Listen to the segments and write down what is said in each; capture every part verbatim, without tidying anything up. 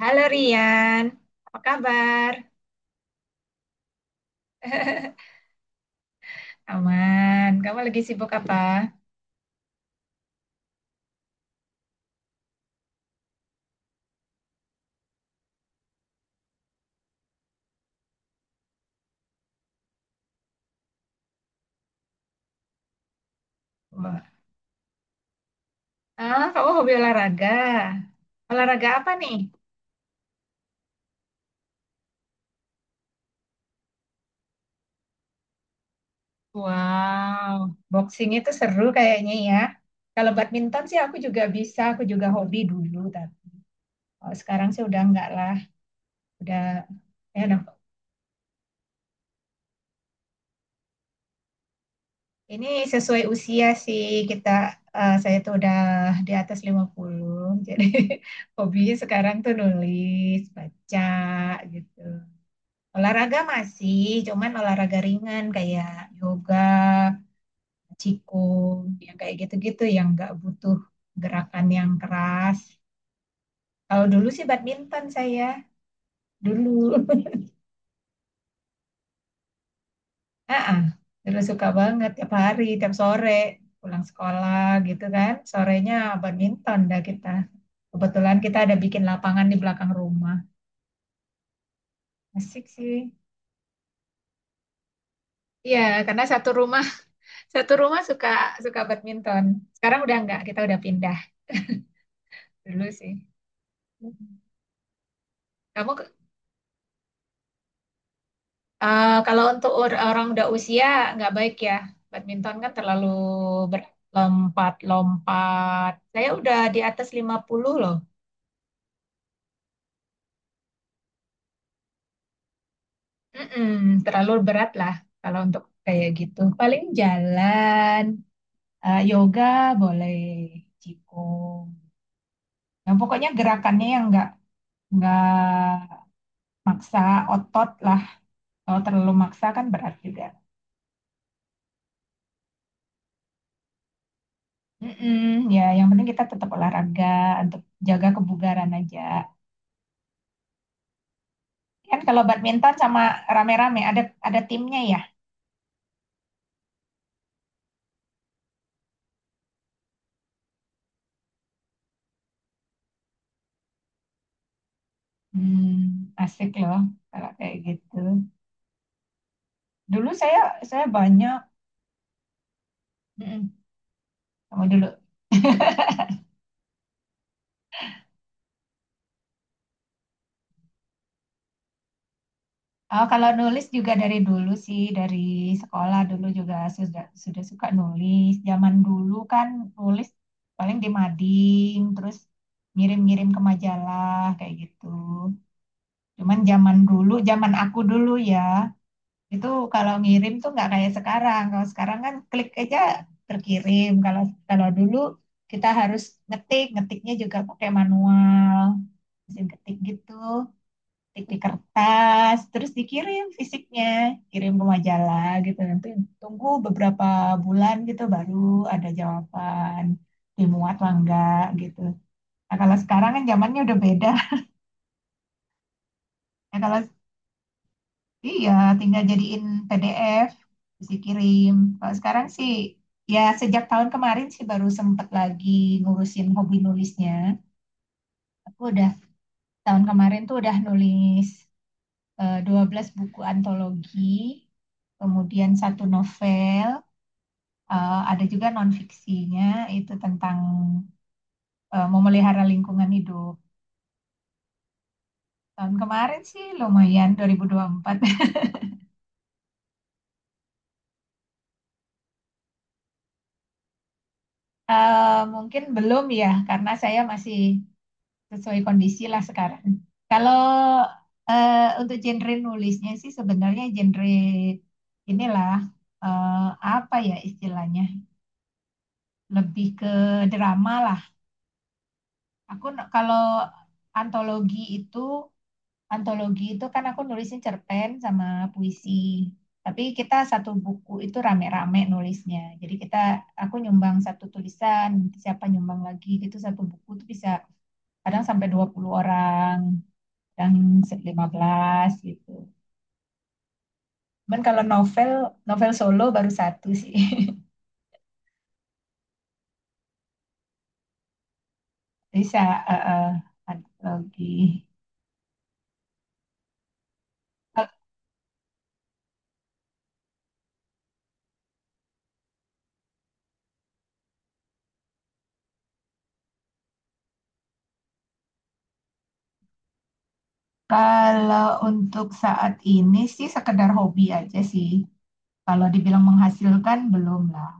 Halo Rian, apa kabar? Aman, kamu lagi sibuk apa? Wah. Ah, kamu hobi olahraga. Olahraga apa nih? Wow, boxing itu seru kayaknya ya. Kalau badminton sih aku juga bisa, aku juga hobi dulu. Tapi kalau sekarang sih udah enggak lah. Udah, ya udah. Ini sesuai usia sih kita, eh, saya tuh udah di atas lima puluh, Jadi hobinya sekarang tuh nulis, baca gitu. Olahraga masih, cuman olahraga ringan kayak yoga, qigong, yang kayak gitu-gitu yang nggak butuh gerakan yang keras. Kalau dulu sih badminton saya dulu. Ah, ah, dulu suka banget tiap hari, tiap sore pulang sekolah gitu kan. Sorenya badminton dah kita. Kebetulan kita ada bikin lapangan di belakang rumah. Asik sih. Iya, karena satu rumah satu rumah suka suka badminton. Sekarang udah enggak, kita udah pindah dulu sih. Kamu ke- eh, kalau untuk or- orang udah usia nggak baik ya. Badminton kan terlalu berat. Lompat-lompat. Saya udah di atas lima puluh loh. Mm-mm, terlalu berat lah kalau untuk kayak gitu. Paling jalan, eh, yoga boleh, qigong. Nah, pokoknya gerakannya yang nggak nggak maksa otot lah. Kalau terlalu maksa kan berat juga. Mm-mm, ya, yang penting kita tetap olahraga untuk jaga kebugaran aja. Kan kalau badminton sama rame-rame ada ada timnya ya. Hmm, asik loh kalau kayak gitu. Dulu saya saya banyak mm sama dulu. Oh, kalau nulis juga dari dulu sih, dari sekolah dulu juga sudah sudah suka nulis. Zaman dulu kan nulis paling di mading, terus ngirim-ngirim ke majalah kayak gitu. Cuman zaman dulu, zaman aku dulu ya, Itu kalau ngirim tuh nggak kayak sekarang. Kalau sekarang kan klik aja terkirim. Kalau kalau dulu kita harus ngetik, ngetiknya juga pakai manual, mesin ketik gitu, ketik di kertas, terus dikirim fisiknya, kirim ke majalah gitu. Nanti tunggu beberapa bulan gitu baru ada jawaban dimuat lah enggak gitu. Nah, kalau sekarang kan zamannya udah beda. Nah, kalau Iya, tinggal jadiin p d f, terus dikirim. Kalau sekarang sih, ya sejak tahun kemarin sih baru sempet lagi ngurusin hobi nulisnya. Aku udah, Tahun kemarin tuh udah nulis eh, dua belas buku antologi, kemudian satu novel, eh, ada juga non-fiksinya, itu tentang eh, memelihara lingkungan hidup. Tahun kemarin sih lumayan, dua ribu dua puluh empat. Eh, mungkin belum ya, karena saya masih sesuai kondisi lah sekarang. Kalau eh, untuk genre nulisnya sih sebenarnya genre inilah eh, apa ya istilahnya lebih ke drama lah. Aku n- kalau antologi itu antologi itu kan aku nulisnya cerpen sama puisi. Tapi kita satu buku itu rame-rame nulisnya. Jadi kita aku nyumbang satu tulisan, nanti siapa nyumbang lagi gitu satu buku tuh bisa kadang sampai dua puluh orang. yang lima belas gitu. Cuman kalau novel, novel solo baru satu sih. Bisa eh, eh, antologi. Kalau untuk saat ini sih sekedar hobi aja sih. Kalau dibilang menghasilkan belum lah.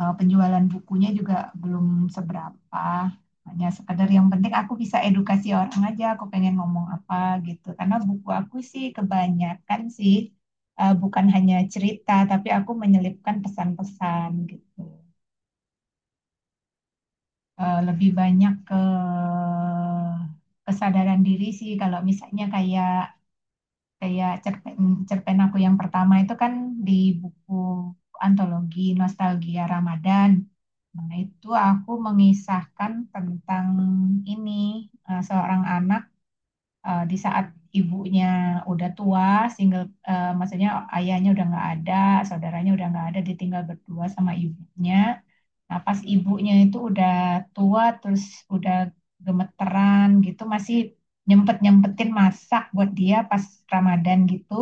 eh, penjualan bukunya juga belum seberapa. Hanya sekedar yang penting aku bisa edukasi orang aja, aku pengen ngomong apa gitu. Karena buku aku sih kebanyakan sih eh, bukan hanya cerita, tapi aku menyelipkan pesan-pesan gitu. Eh, lebih banyak ke kesadaran diri sih kalau misalnya kayak kayak cerpen cerpen aku yang pertama itu kan di buku antologi Nostalgia Ramadan. Nah, itu aku mengisahkan tentang ini eh, seorang anak eh, di saat ibunya udah tua, single eh, maksudnya ayahnya udah nggak ada, saudaranya udah nggak ada, ditinggal berdua sama ibunya. Nah, pas ibunya itu udah tua terus udah gemeteran gitu masih nyempet-nyempetin masak buat dia pas Ramadan gitu.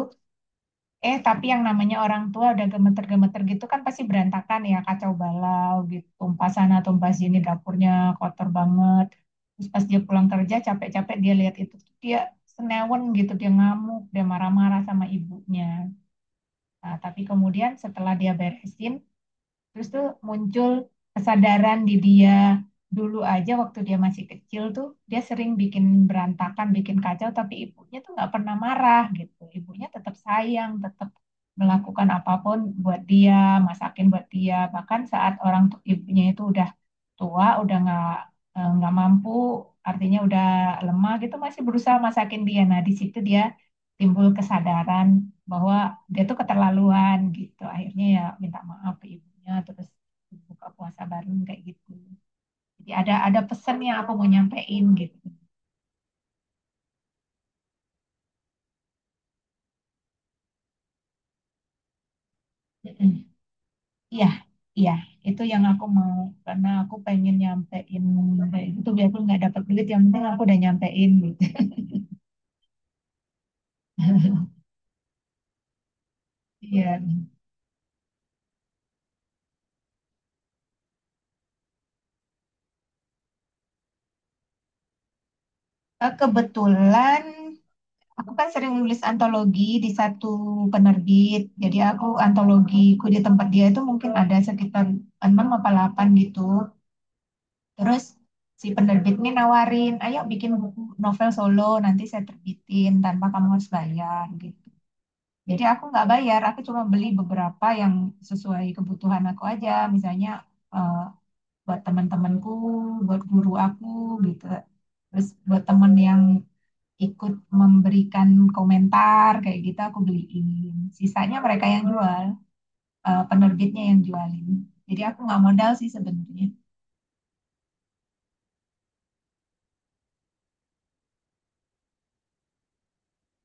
Eh, tapi yang namanya orang tua udah gemeter-gemeter gitu kan pasti berantakan ya, kacau balau gitu. Tumpah sana, tumpah sini, dapurnya kotor banget. Terus pas dia pulang kerja capek-capek dia lihat itu, tuh dia senewen gitu, dia ngamuk, dia marah-marah sama ibunya. Nah, tapi kemudian setelah dia beresin, Terus tuh muncul kesadaran di dia dulu aja waktu dia masih kecil tuh dia sering bikin berantakan, bikin kacau, tapi ibunya tuh nggak pernah marah gitu. Ibunya tetap sayang, tetap melakukan apapun buat dia, masakin buat dia. Bahkan saat orang tu- ibunya itu udah tua, udah nggak eh, nggak mampu, artinya udah lemah gitu, masih berusaha masakin dia. Nah, di situ dia timbul kesadaran bahwa dia tuh keterlaluan gitu akhirnya ya minta maaf ke ibunya terus buka puasa baru kayak gitu jadi ada ada pesan yang aku mau nyampein gitu. Mm-mm. iya iya itu yang aku mau karena aku pengen nyampein itu gitu biarpun nggak dapat duit yang penting aku udah nyampein gitu. Iya kebetulan Aku kan sering nulis antologi di satu penerbit. Jadi aku antologiku di tempat dia itu mungkin ada sekitar enam apa delapan gitu. Terus si penerbit ini nawarin, ayo bikin buku novel solo, nanti saya terbitin tanpa kamu harus bayar gitu. Jadi aku nggak bayar, aku cuma beli beberapa yang sesuai kebutuhan aku aja, misalnya eh, buat teman-temanku, buat guru aku gitu. Terus buat temen yang ikut memberikan komentar kayak gitu aku beliin. Sisanya mereka yang jual, eh, penerbitnya yang jualin. Jadi aku nggak modal sih sebenarnya.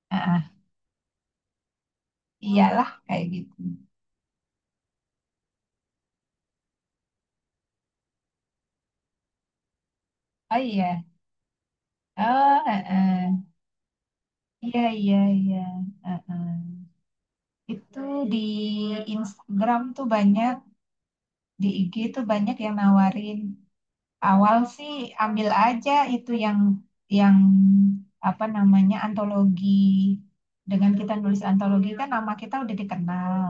Ah, ah. iyalah kayak gitu. Oh iya, Oh, heeh. Iya, iya, iya. Heeh. Itu di Instagram tuh banyak, di i g tuh banyak yang nawarin. Awal sih ambil aja itu yang yang apa namanya antologi. Dengan kita nulis antologi kan nama kita udah dikenal.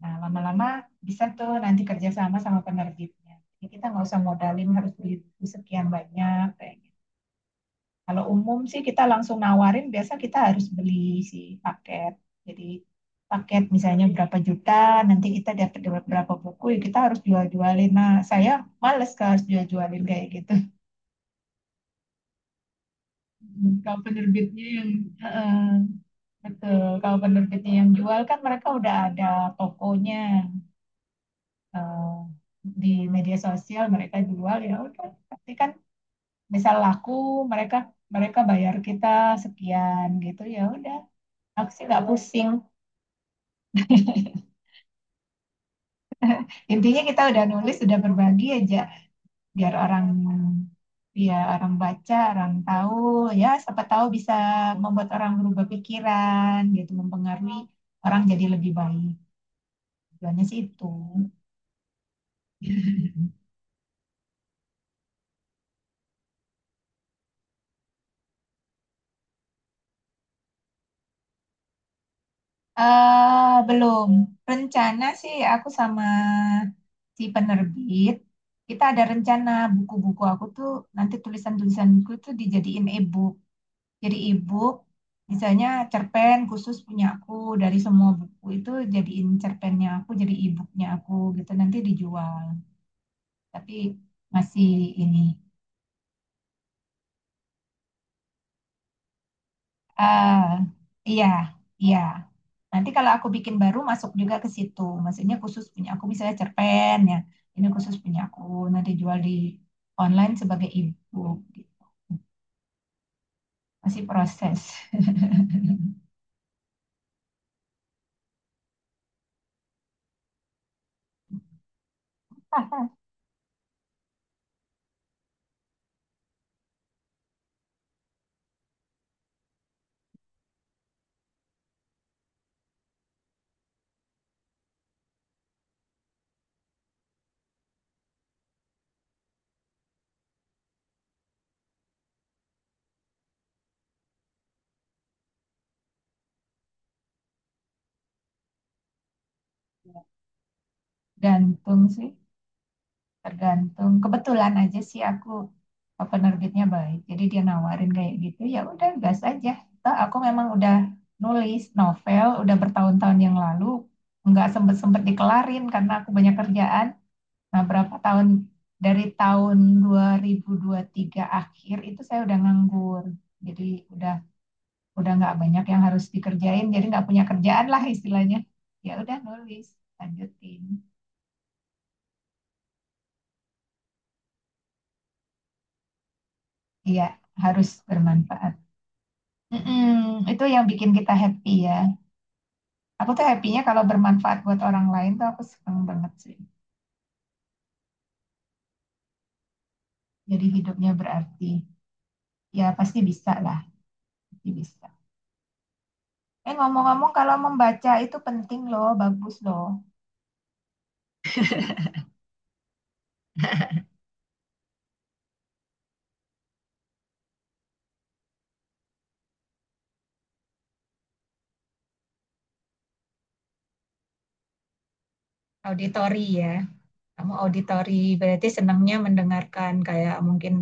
Nah, lama-lama bisa tuh nanti kerjasama sama penerbitnya. Jadi kita nggak usah modalin harus beli buku sekian banyak kayak Kalau umum sih kita langsung nawarin, biasa kita harus beli si paket. Jadi paket misalnya berapa juta, nanti kita dapat berapa buku, ya kita harus jual-jualin. Nah, saya males kalau harus jual-jualin kayak gitu. Hmm, Kalau penerbitnya yang eh, betul, kalau penerbitnya yang jual kan mereka udah ada tokonya eh, di media sosial mereka jual ya udah pasti kan misal laku mereka mereka bayar kita sekian gitu ya udah aku sih nggak pusing. Intinya kita udah nulis, udah berbagi aja biar orang ya orang baca, orang tahu ya siapa tahu bisa membuat orang berubah pikiran gitu, mempengaruhi orang jadi lebih baik. Tujuannya sih itu. eh belum. Rencana sih aku sama si penerbit, kita ada rencana buku-buku aku tuh nanti tulisan-tulisanku tuh dijadiin e-book. jadi e-book misalnya cerpen khusus punya aku dari semua buku itu jadiin cerpennya aku jadi e-booknya aku gitu nanti dijual tapi masih ini ah iya iya nanti kalau aku bikin baru masuk juga ke situ maksudnya khusus punya aku misalnya cerpen ya ini khusus punya aku nanti jual di online sebagai e-book gitu. masih proses gantung sih Tergantung kebetulan aja sih aku eh, penerbitnya baik. Jadi dia nawarin kayak gitu. Ya udah gas aja. Toh aku memang udah nulis novel udah bertahun-tahun yang lalu nggak sempet-sempet dikelarin karena aku banyak kerjaan. Nah, berapa tahun dari tahun dua ribu dua ribu tiga akhir itu saya udah nganggur. Jadi udah udah nggak banyak yang harus dikerjain, jadi nggak punya kerjaan lah istilahnya. Ya udah nulis, lanjutin. Iya, harus bermanfaat. Mm-mm, itu yang bikin kita happy ya. Aku tuh happy-nya kalau bermanfaat buat orang lain tuh aku seneng banget sih. Jadi hidupnya berarti. Ya pasti bisa lah, pasti bisa. Eh, ngomong-ngomong kalau membaca itu penting loh, bagus loh. Auditori ya. Kamu auditori berarti senangnya mendengarkan kayak mungkin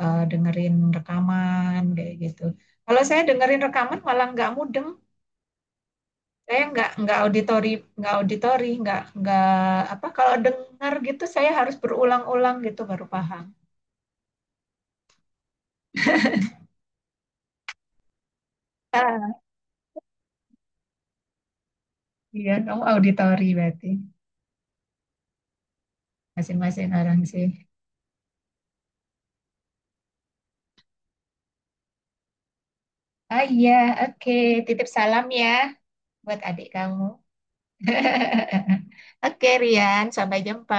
eh, dengerin rekaman kayak gitu. Kalau saya dengerin rekaman malah nggak mudeng. saya nggak nggak auditori nggak auditori nggak nggak apa kalau dengar gitu saya harus berulang-ulang gitu baru paham. Ah iya kamu auditori berarti masing-masing orang sih. Ah iya oke titip salam ya buat adik kamu. oke Rian sampai jumpa.